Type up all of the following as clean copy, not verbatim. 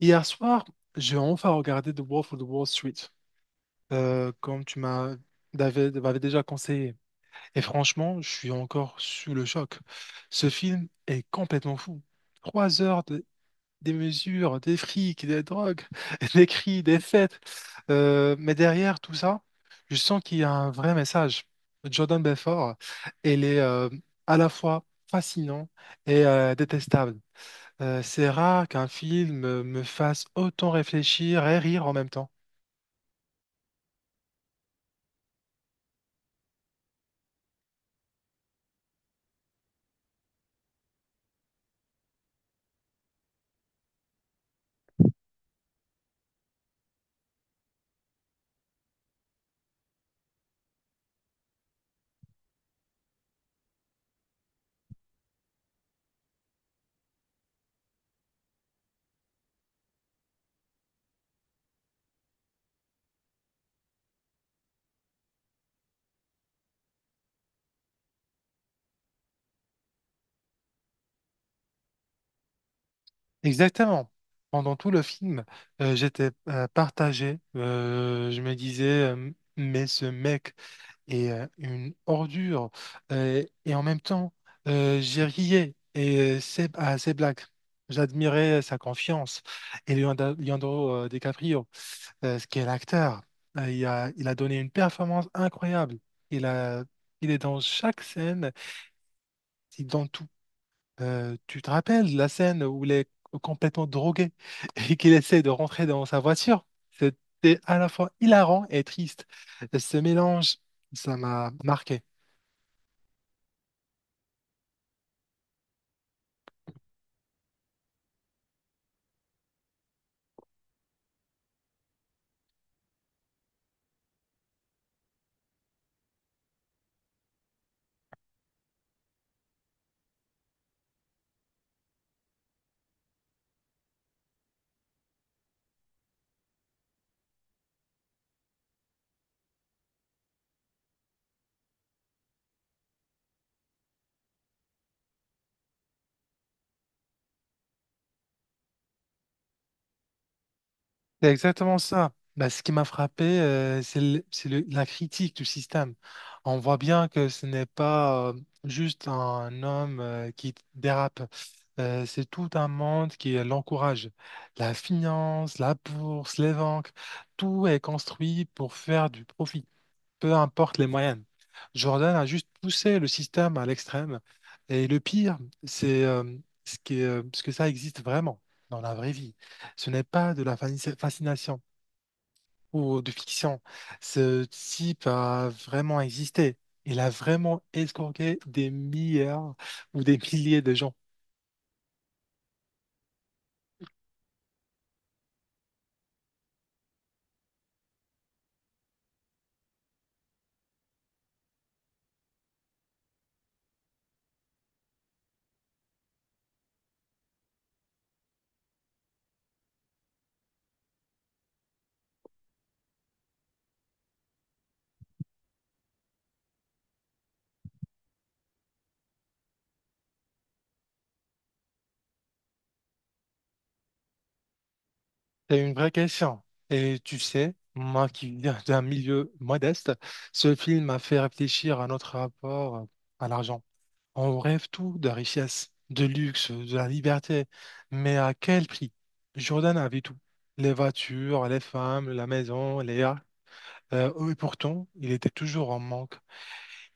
Hier soir, j'ai enfin regardé The Wolf of Wall Street, comme tu m'as m'avais déjà conseillé. Et franchement, je suis encore sous le choc. Ce film est complètement fou. Trois heures de, des mesures, des frics, des drogues, des cris, des fêtes. Mais derrière tout ça, je sens qu'il y a un vrai message. Jordan Belfort, elle est à la fois fascinant et détestable. C'est rare qu'un film me fasse autant réfléchir et rire en même temps. Exactement. Pendant tout le film, j'étais partagé. Je me disais, euh, mais ce mec est une ordure. Et en même temps, j'ai riais à ses blagues. J'admirais sa confiance. Et Leonardo DiCaprio, ce qui est l'acteur, il a donné une performance incroyable. Il a, il est dans chaque scène. C'est dans tout. Tu te rappelles la scène où il est complètement drogué et qu'il essaie de rentrer dans sa voiture? C'était à la fois hilarant et triste. Ce mélange, ça m'a marqué. C'est exactement ça. Bah, ce qui m'a frappé, c'est la critique du système. On voit bien que ce n'est pas juste un homme qui dérape. C'est tout un monde qui l'encourage. La finance, la bourse, les banques, tout est construit pour faire du profit, peu importe les moyens. Jordan a juste poussé le système à l'extrême. Et le pire, c'est ce qui est, ce que ça existe vraiment dans la vraie vie. Ce n'est pas de la fascination ou de fiction. Ce type a vraiment existé. Il a vraiment escroqué des milliards ou des milliers de gens. C'est une vraie question. Et tu sais, moi qui viens d'un milieu modeste, ce film m'a fait réfléchir à notre rapport à l'argent. On rêve tout de richesse, de luxe, de la liberté, mais à quel prix? Jordan avait tout. Les voitures, les femmes, la maison, les yachts. Et pourtant, il était toujours en manque.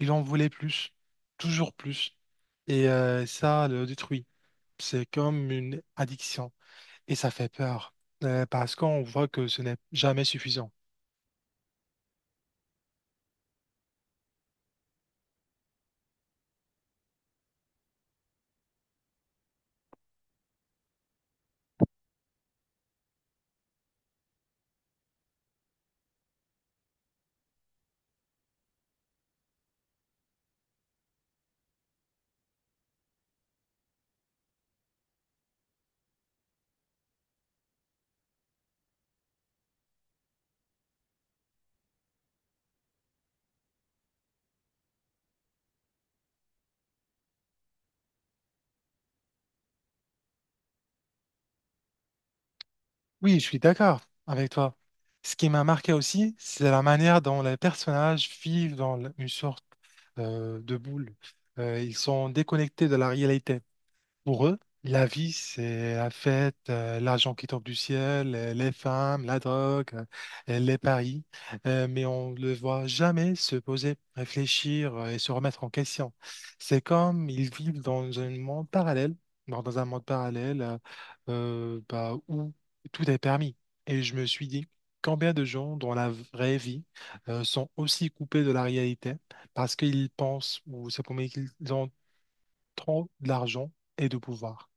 Il en voulait plus, toujours plus. Et ça le détruit. C'est comme une addiction. Et ça fait peur, parce qu'on voit que ce n'est jamais suffisant. Oui, je suis d'accord avec toi. Ce qui m'a marqué aussi, c'est la manière dont les personnages vivent dans une sorte de boule. Ils sont déconnectés de la réalité. Pour eux, la vie, c'est la fête, l'argent qui tombe du ciel, les femmes, la drogue, les paris. Mais on ne le voit jamais se poser, réfléchir et se remettre en question. C'est comme ils vivent dans un monde parallèle, dans un monde parallèle bah, où tout est permis. Et je me suis dit, combien de gens dans la vraie vie sont aussi coupés de la réalité parce qu'ils pensent ou c'est pour qu'ils ont trop d'argent et de pouvoir.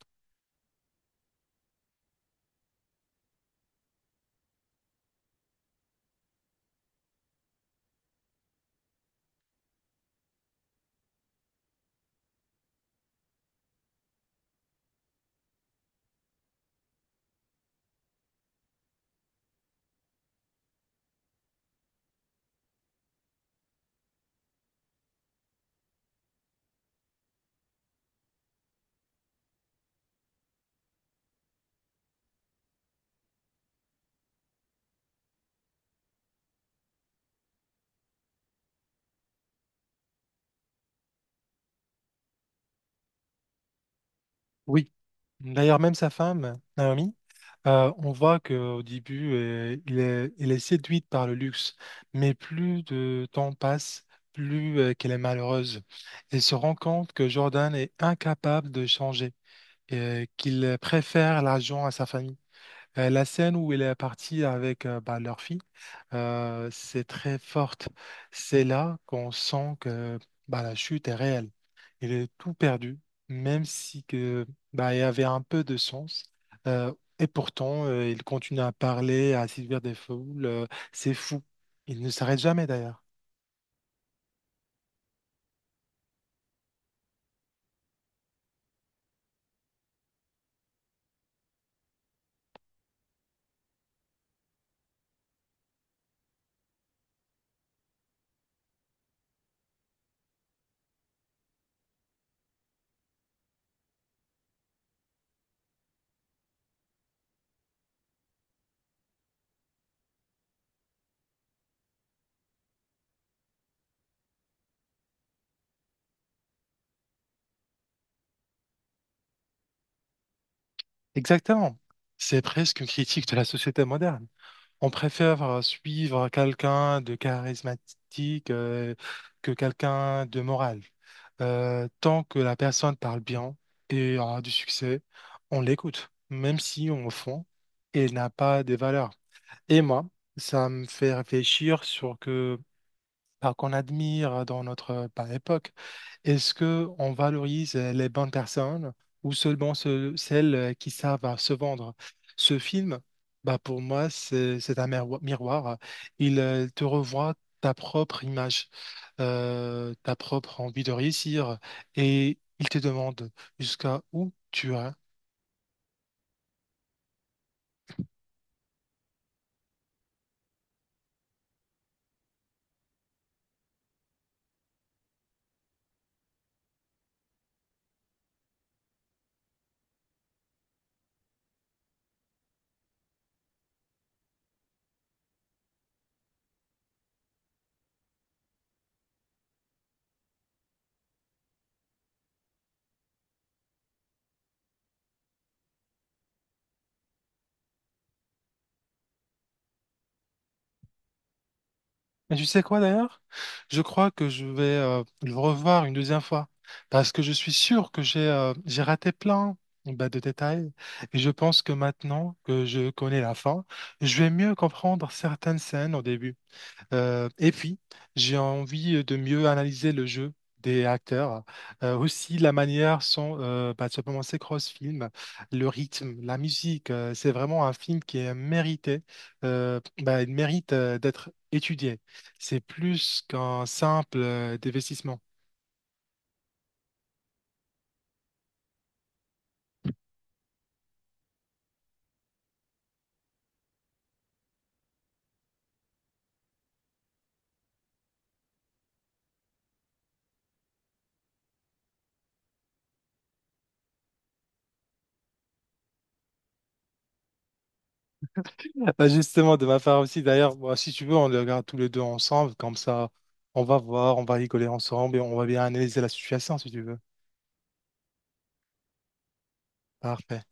Oui, d'ailleurs même sa femme, Naomi, on voit qu'au début, il est séduite par le luxe, mais plus de temps passe, plus qu'elle est malheureuse. Elle se rend compte que Jordan est incapable de changer, et qu'il préfère l'argent à sa famille. La scène où elle est partie avec bah, leur fille, c'est très forte. C'est là qu'on sent que bah, la chute est réelle. Il est tout perdu, même si que, bah, il avait un peu de sens. Euh, et pourtant, il continue à parler, à séduire des foules. C'est fou. Il ne s'arrête jamais d'ailleurs. Exactement. C'est presque une critique de la société moderne. On préfère suivre quelqu'un de charismatique que quelqu'un de moral. Tant que la personne parle bien et aura du succès, on l'écoute, même si au fond, elle n'a pas des valeurs. Et moi, ça me fait réfléchir sur que par qu'on admire dans notre par époque. Est-ce que on valorise les bonnes personnes ou seulement celles qui savent se vendre? Ce film, bah pour moi, c'est un miroir. Il te revoit ta propre image, ta propre envie de réussir et il te demande jusqu'à où tu es. Et tu sais quoi d'ailleurs? Je crois que je vais le revoir une deuxième fois parce que je suis sûr que j'ai raté plein bah, de détails et je pense que maintenant que je connais la fin, je vais mieux comprendre certaines scènes au début. Et puis, j'ai envie de mieux analyser le jeu des acteurs, aussi la manière sont, bah, simplement ces cross-films, le rythme, la musique. C'est vraiment un film qui est mérité, bah, il mérite d'être étudié. C'est plus qu'un simple investissement. Bah, justement, de ma part aussi, d'ailleurs, bah, si tu veux, on le regarde tous les deux ensemble, comme ça, on va voir, on va rigoler ensemble et on va bien analyser la situation, si tu veux. Parfait.